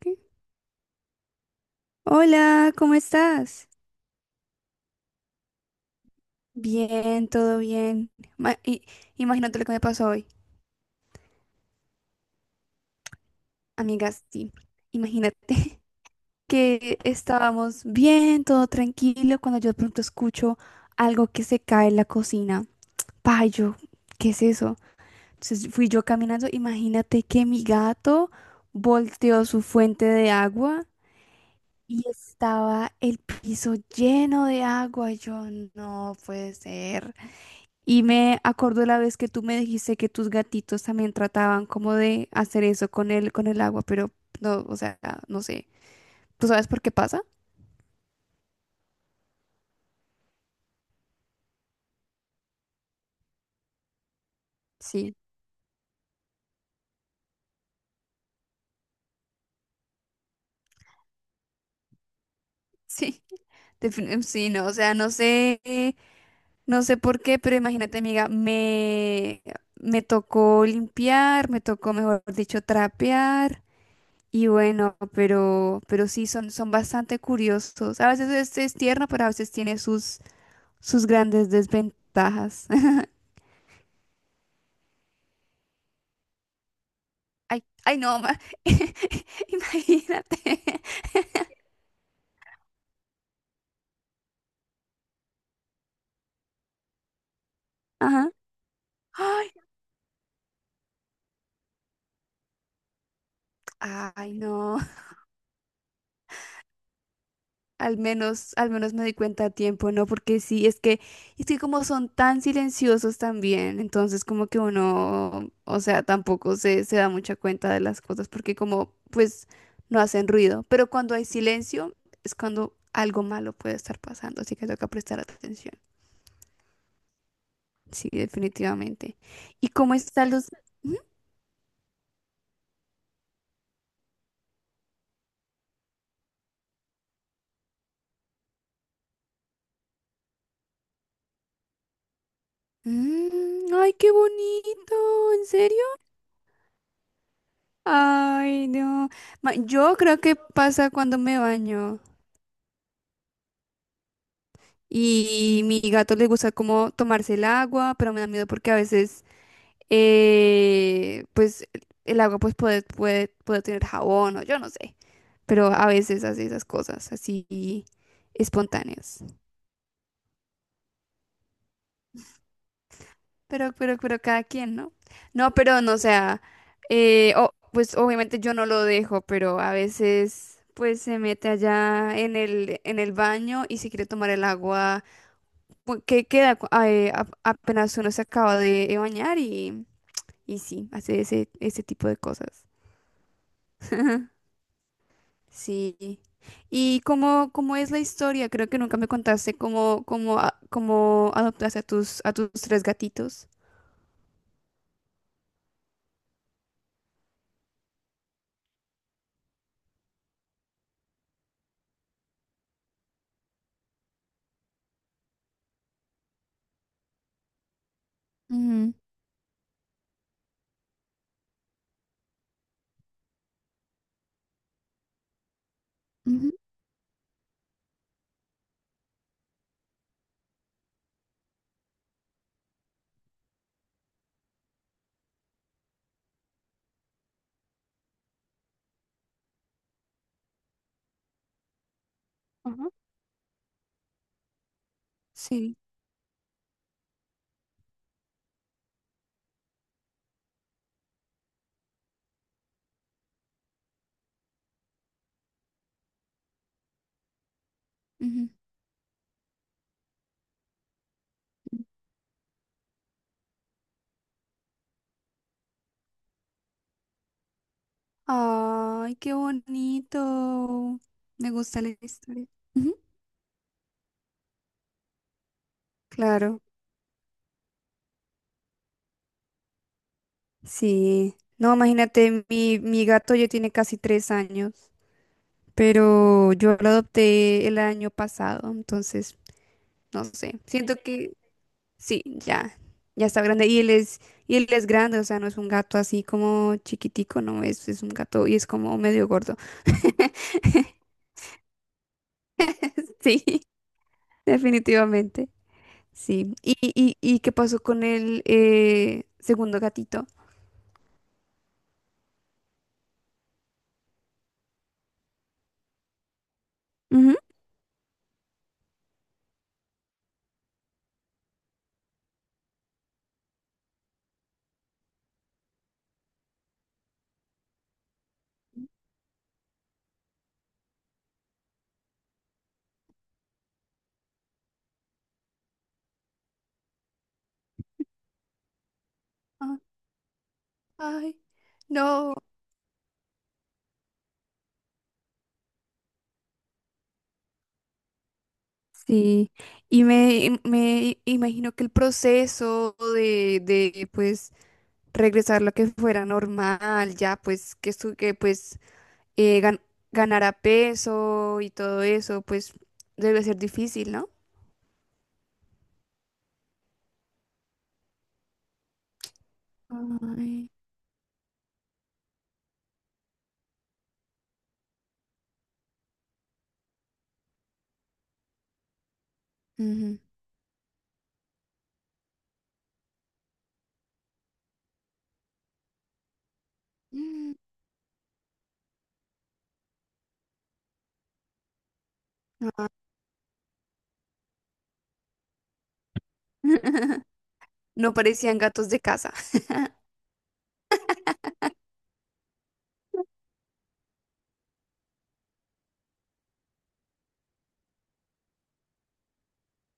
¿Qué? Hola, ¿cómo estás? Bien, todo bien. Ma- i- Imagínate lo que me pasó hoy, amigas, sí. Imagínate que estábamos bien, todo tranquilo, cuando yo de pronto escucho algo que se cae en la cocina. Pa, yo, ¿qué es eso? Entonces fui yo caminando, imagínate que mi gato volteó su fuente de agua y estaba el piso lleno de agua. Yo, no puede ser. Y me acordó la vez que tú me dijiste que tus gatitos también trataban como de hacer eso con con el agua, pero no, o sea, no sé. ¿Tú sabes por qué pasa? Sí. Sí, sí, no, o sea, no sé, no sé por qué, pero imagínate, amiga, me tocó limpiar, me tocó, mejor dicho, trapear. Y bueno, pero sí, son bastante curiosos. A veces es tierno, pero a veces tiene sus grandes desventajas. Ay, no, imagínate. Ajá. Ay, ay, no. Al menos me di cuenta a tiempo, ¿no? Porque sí, es que como son tan silenciosos también, entonces como que uno, o sea, tampoco se da mucha cuenta de las cosas, porque como, pues, no hacen ruido. Pero cuando hay silencio, es cuando algo malo puede estar pasando, así que toca prestar atención. Sí, definitivamente. ¿Y cómo están los... Mm, ay, qué bonito, ¿en serio? Ay, no. Yo creo que pasa cuando me baño y mi gato le gusta como tomarse el agua, pero me da miedo porque a veces, pues, el agua pues puede, puede tener jabón o yo no sé, pero a veces hace esas cosas así espontáneas. Pero cada quien, ¿no? No, pero no, o sea, pues obviamente yo no lo dejo, pero a veces pues se mete allá en el baño y si quiere tomar el agua, pues, que queda apenas uno se acaba de bañar y sí, hace ese tipo de cosas. Sí. ¿Y cómo es la historia? Creo que nunca me contaste cómo adoptaste a a tus tres gatitos. Ujú, ujú, ajá. Sí. Ujú. Ay, qué bonito. Me gusta la historia. Ujú. Claro, sí. No, imagínate, mi gato ya tiene casi tres años, pero yo lo adopté el año pasado, entonces, no sé. Siento que sí, ya, ya está grande. Y él y él es grande, o sea, no es un gato así como chiquitico, no, es un gato y es como medio gordo. Sí, definitivamente. Sí. ¿Y, y qué pasó con el segundo gatito? Ujú. Ah, ay, no. Sí, me imagino que el proceso de pues regresar lo que fuera normal, ya pues que su que pues eh, gan- ganara peso y todo eso, pues debe ser difícil, no. Ay. Ujú. Mm. Ah. No parecían gatos de casa.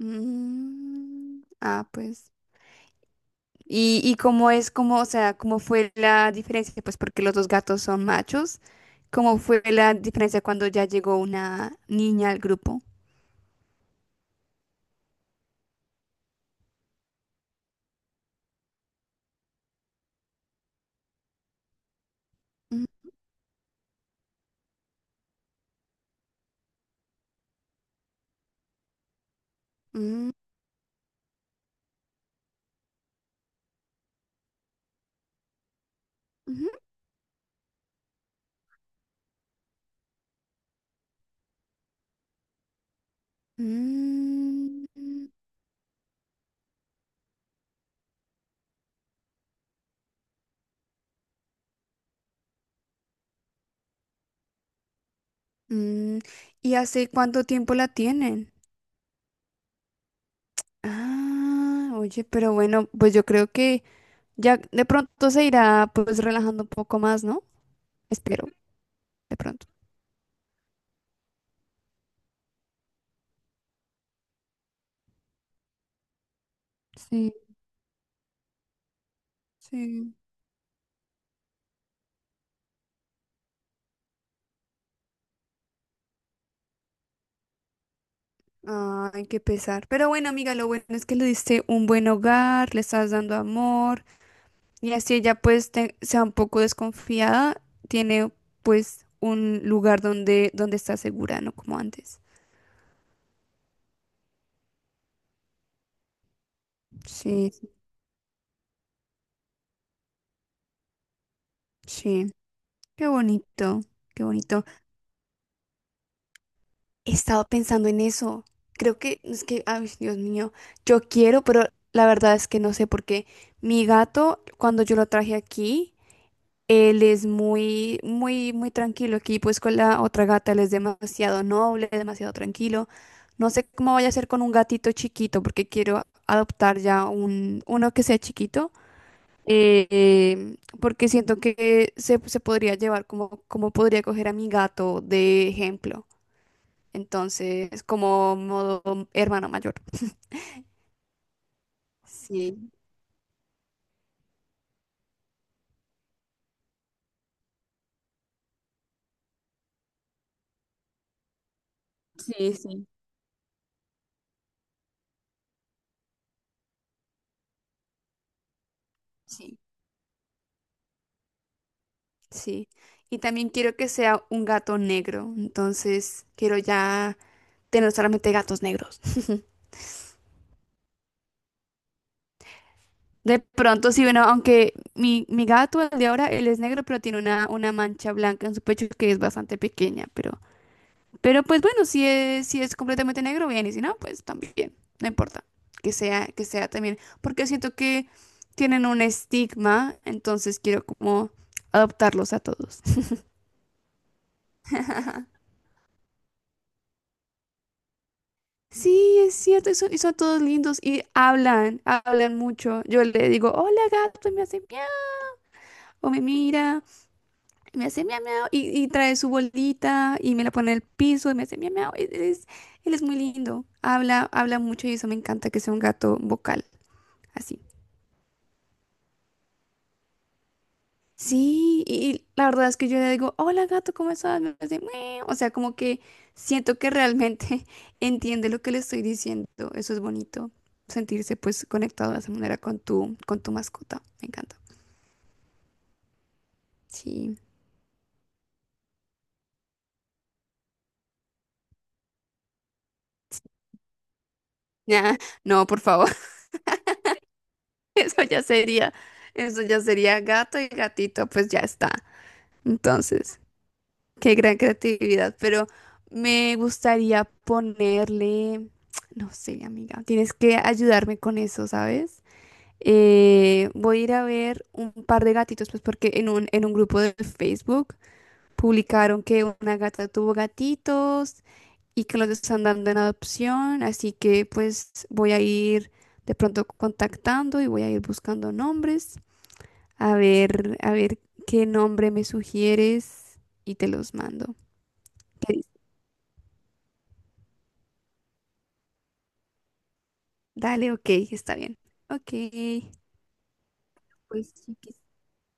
Mm, ah, pues. Y cómo es, cómo, o sea, cómo fue la diferencia? Pues porque los dos gatos son machos. ¿Cómo fue la diferencia cuando ya llegó una niña al grupo? Mm, mm, ujú, mm, mm. ¿Y hace cuánto tiempo la tienen? Ah, oye, pero bueno, pues yo creo que ya de pronto se irá pues relajando un poco más, ¿no? Espero, de pronto. Sí, sí. Ay, qué pesar. Pero bueno, amiga, lo bueno es que le diste un buen hogar, le estás dando amor y así ella pues sea un poco desconfiada, tiene pues un lugar donde donde está segura, no como antes. Sí, sí. Qué bonito, qué bonito. He estado pensando en eso. Creo que es que, ay, Dios mío, yo quiero, pero la verdad es que no sé por qué. Mi gato, cuando yo lo traje aquí, él es muy, muy, muy tranquilo aquí, pues con la otra gata él es demasiado noble, demasiado tranquilo. No sé cómo vaya a ser con un gatito chiquito, porque quiero adoptar ya uno que sea chiquito, porque siento que se podría llevar como, como podría coger a mi gato de ejemplo. Entonces, como modo hermano mayor. Sí, sí, sí, sí, sí. Y también quiero que sea un gato negro, entonces quiero ya tener solamente gatos negros. De pronto, sí, bueno, aunque mi gato, el de ahora, él es negro, pero tiene una mancha blanca en su pecho que es bastante pequeña, pero pues bueno, si si es completamente negro, bien, y si no, pues también, no importa, que sea también, porque siento que tienen un estigma, entonces quiero como adoptarlos a todos. Sí, es cierto, y son todos lindos y hablan, hablan mucho. Yo le digo, hola gato, y me hace miau, o me mira. Me hace miau miau y trae su bolita y me la pone en el piso y me hace miau miau. Él él es muy lindo. Habla, habla mucho y eso me encanta que sea un gato vocal, así. Sí, y la verdad es que yo le digo, hola gato, ¿cómo estás? Me hace miau. O sea, como que siento que realmente entiende lo que le estoy diciendo. Eso es bonito, sentirse pues conectado de esa manera con con tu mascota. Me encanta. Sí. Nah, no, por favor. Eso ya sería, eso ya sería gato y gatito, pues ya está. Entonces, qué gran creatividad. Pero me gustaría ponerle, no sé, amiga, tienes que ayudarme con eso, ¿sabes? Voy a ir a ver un par de gatitos, pues porque en un grupo de Facebook publicaron que una gata tuvo gatitos y que los están dando en adopción, así que pues voy a ir de pronto contactando y voy a ir buscando nombres. A ver qué nombre me sugieres y te los mando. ¿Qué dices? Dale, ok, está bien. Ok, pues chiquis.